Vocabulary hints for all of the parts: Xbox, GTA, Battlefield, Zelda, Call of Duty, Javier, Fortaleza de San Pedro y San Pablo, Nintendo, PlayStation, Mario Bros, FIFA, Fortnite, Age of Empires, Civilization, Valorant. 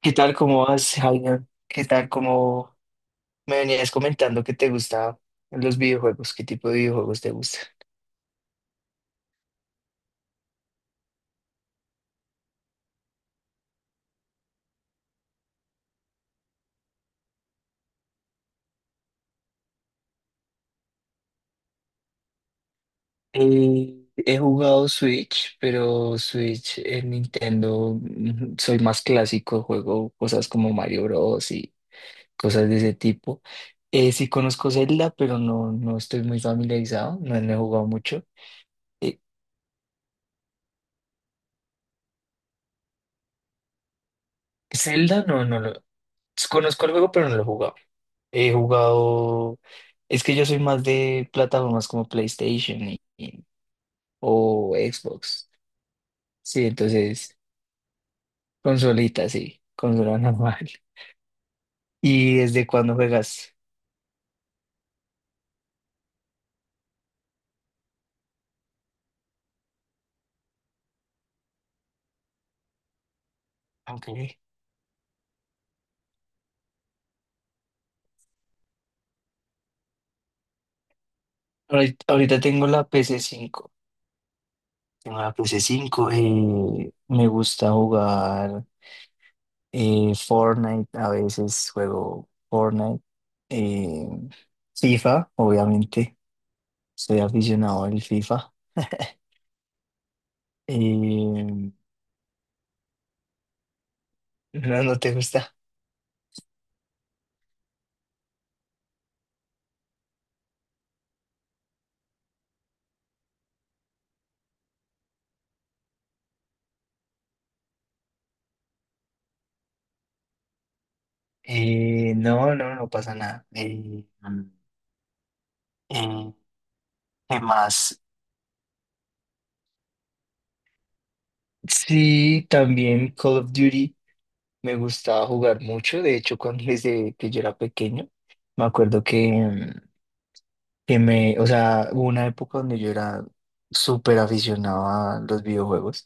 ¿Qué tal? ¿Cómo vas, Javier? ¿Qué tal? ¿Cómo Me venías comentando que te gustaban los videojuegos. ¿Qué tipo de videojuegos te gusta? He jugado Switch, pero Switch en Nintendo, mm, soy más clásico, juego cosas como Mario Bros. Y cosas de ese tipo. Sí, conozco Zelda, pero no estoy muy familiarizado, no he jugado mucho. Eh, Zelda no, no lo, pues conozco el juego, pero no lo he jugado. He jugado. Es que yo soy más de plataformas como PlayStation o Xbox. Sí, entonces, consolita, sí, consola normal. ¿Y desde cuándo juegas? Ok. Ahorita tengo la PC 5. Tengo la pc cinco, me gusta jugar, Fortnite. A veces juego Fortnite. eh, FIFA, obviamente. Soy aficionado al FIFA. Eh, no, no te gusta. No pasa nada. Eh, ¿Qué más? Sí, también Call of Duty me gustaba jugar mucho. De hecho, cuando desde que yo era pequeño, me acuerdo que o sea, hubo una época donde yo era súper aficionado a los videojuegos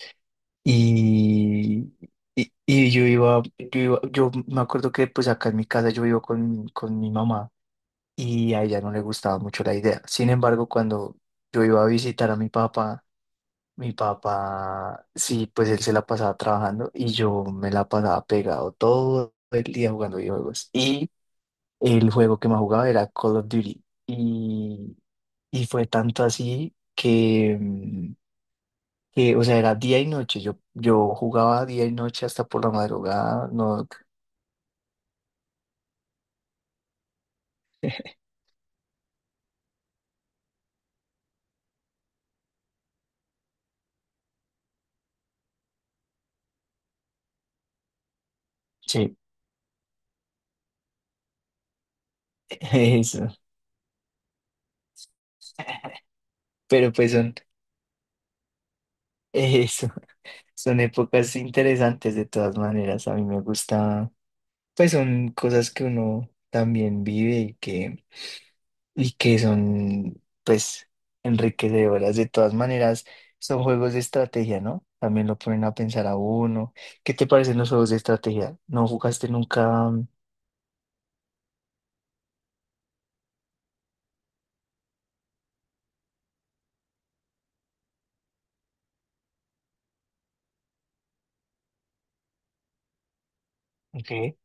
y, y yo me acuerdo que pues acá en mi casa yo vivo con mi mamá, y a ella no le gustaba mucho la idea. Sin embargo, cuando yo iba a visitar a mi papá, sí, pues él se la pasaba trabajando y yo me la pasaba pegado todo el día jugando videojuegos. Y el juego que más jugaba era Call of Duty. Y fue tanto así que o sea, era día y noche. Yo jugaba día y noche hasta por la madrugada. No, sí, eso. Pero pues son eso. Son épocas interesantes de todas maneras. A mí me gusta, pues son cosas que uno también vive y que son, pues, enriquecedoras de todas maneras. Son juegos de estrategia, ¿no? También lo ponen a pensar a uno. ¿Qué te parecen los juegos de estrategia? ¿No jugaste nunca? ¿Qué?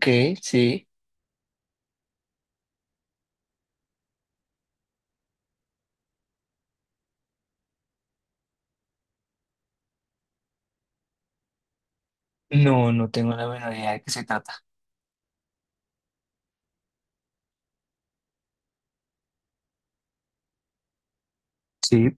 ¿Qué? Sí. No, no tengo la menor idea de qué se trata. Sí.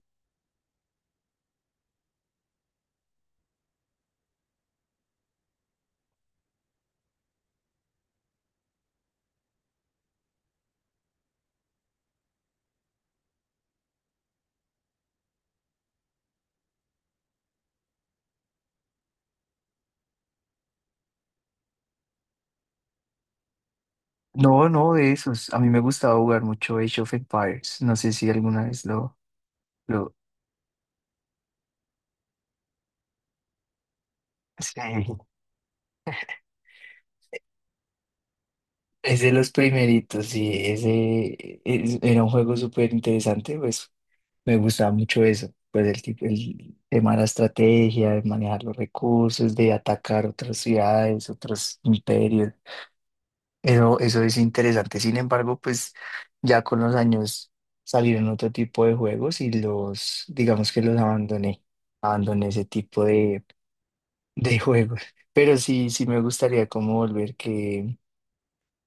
No, no, de esos. A mí me gustaba jugar mucho Age of Empires. No sé si alguna vez lo, sí. Es de los primeritos, sí, era un juego súper interesante, pues me gustaba mucho eso, pues el tema de la estrategia, de manejar los recursos, de atacar otras ciudades, otros imperios, eso es interesante, sin embargo, pues ya con los años salieron otro tipo de juegos digamos que los abandoné, abandoné ese tipo de juegos, pero sí, sí me gustaría como volver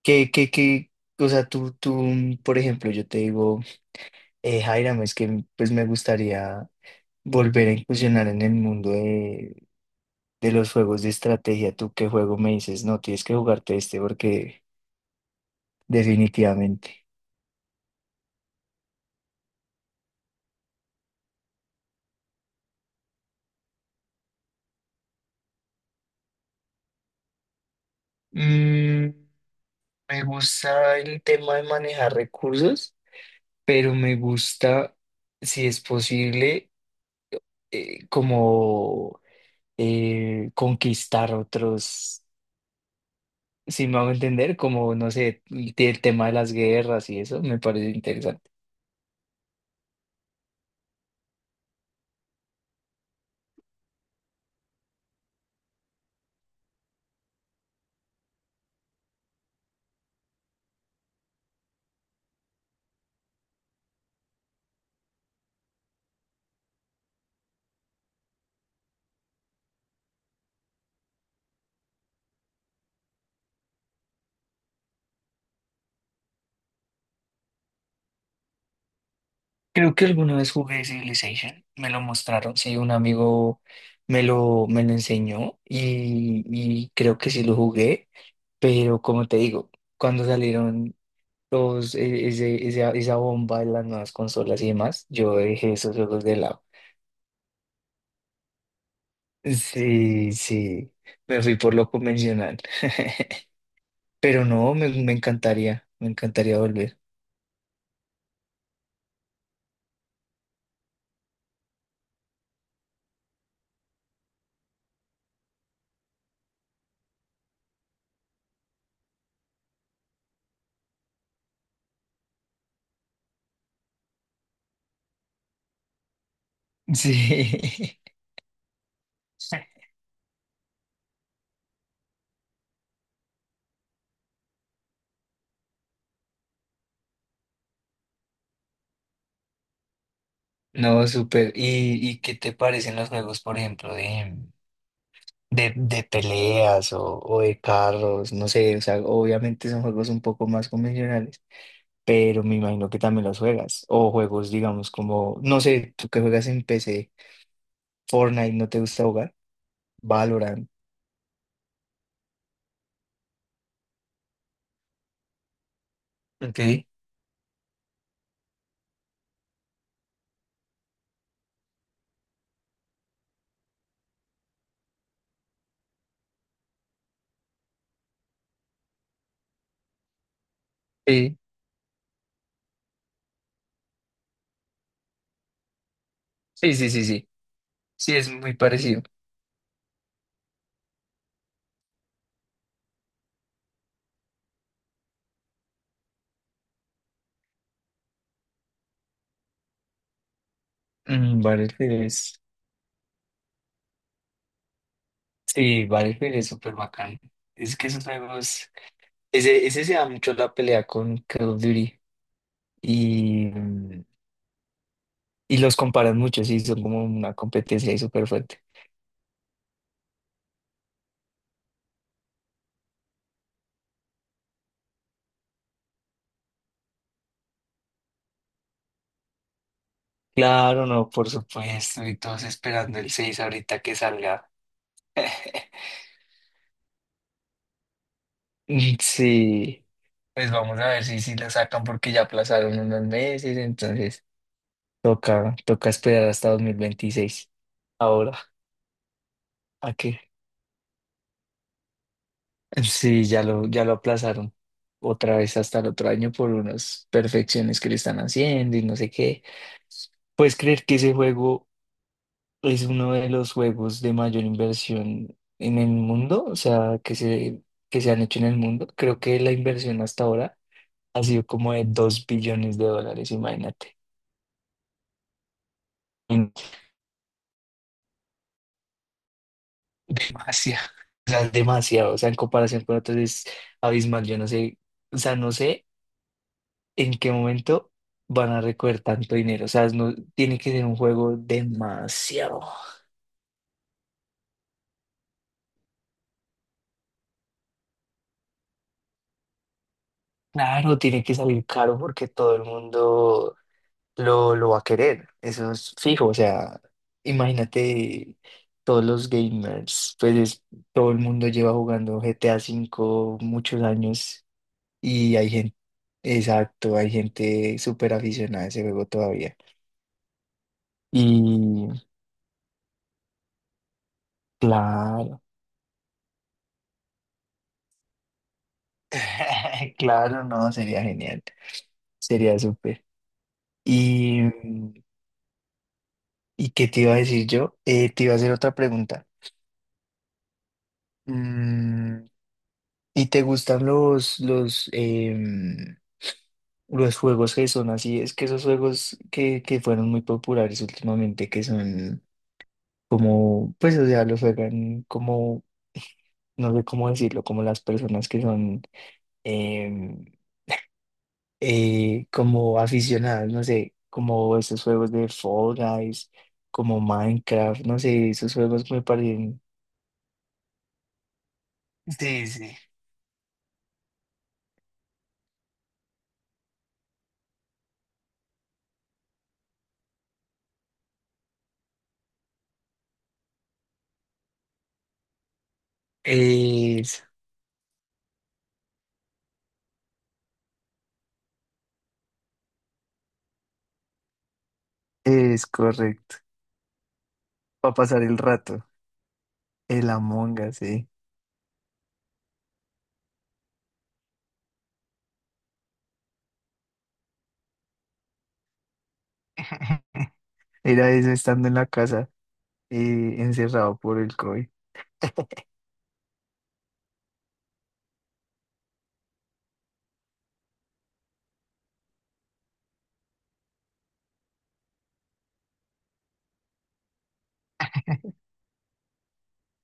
que, que, que, o sea, por ejemplo, yo te digo, Jairam, es que, mm, pues me gustaría volver a incursionar en el mundo de los juegos de estrategia. ¿Tú qué juego me dices? No, tienes que jugarte este porque definitivamente. Mm, me gusta el tema de manejar recursos, pero me gusta, si es posible, como conquistar otros, si me hago entender, como, no sé, el tema de las guerras y eso, me parece interesante. Creo que alguna vez jugué Civilization, me lo mostraron, sí, un amigo me lo enseñó y creo que sí lo jugué, pero como te digo, cuando salieron los, esa bomba de las nuevas consolas y demás, yo dejé esos juegos de lado. Sí, sí, me fui por lo convencional, pero no, me encantaría volver. Sí. No, súper. ¿Y qué te parecen los juegos, por ejemplo, de peleas o de carros? No sé, o sea, obviamente son juegos un poco más convencionales, pero me imagino que también los juegas. O juegos, digamos, como, no sé, tú que juegas en PC Fortnite, ¿no te gusta jugar? Valorant. Ok. Sí, sí. Sí, es muy parecido. Mm, Battlefield es, sí, Battlefield es súper bacán. Es que esos juegos, ese se da mucho la pelea con Call of Duty. Y, y los comparan mucho, sí, son como una competencia ahí súper fuerte. Claro, no, por supuesto, y todos esperando el 6 ahorita que salga. Mm, sí, pues vamos a ver si lo sacan porque ya aplazaron unos meses, entonces toca esperar hasta 2026. Ahora, ¿a qué? Sí, ya lo aplazaron otra vez hasta el otro año por unas perfecciones que le están haciendo y no sé qué. ¿Puedes creer que ese juego es uno de los juegos de mayor inversión en el mundo? O sea, que se han hecho en el mundo. Creo que la inversión hasta ahora ha sido como de $2 billones, imagínate. Mm, demasiado, o sea, es demasiado, o sea, en comparación con otros es abismal. Yo no sé, o sea, no sé en qué momento van a recoger tanto dinero, o sea, no, tiene que ser un juego demasiado. Claro, tiene que salir caro porque todo el mundo lo va a querer, eso es fijo, o sea, imagínate todos los gamers, pues es- todo el mundo lleva jugando GTA 5 muchos años y hay gente, exacto, hay gente súper aficionada a ese juego todavía. Y claro, claro, no, sería genial, sería súper. Y, ¿Y qué te iba a decir yo? Te iba a hacer otra pregunta. Mm, ¿y te gustan los juegos que son así? Es que esos juegos que fueron muy populares últimamente, que son como, pues, o sea, los juegan como, no sé cómo decirlo, como las personas que son, em, como aficionadas, no sé, como esos juegos de Fall Guys, como Minecraft, no sé, esos juegos me parecen. Sí, sí. Es, es correcto. Para pasar el rato, el Among Us, sí. Era eso estando en la casa y encerrado por el COVID.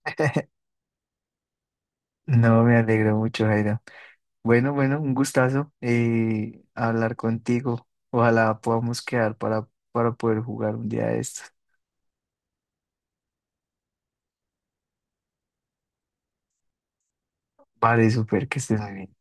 No, me alegro mucho, Jairo. Bueno, bueno, un gustazo, hablar contigo. Ojalá podamos quedar para poder jugar un día de estos. Vale, súper, que estés muy bien.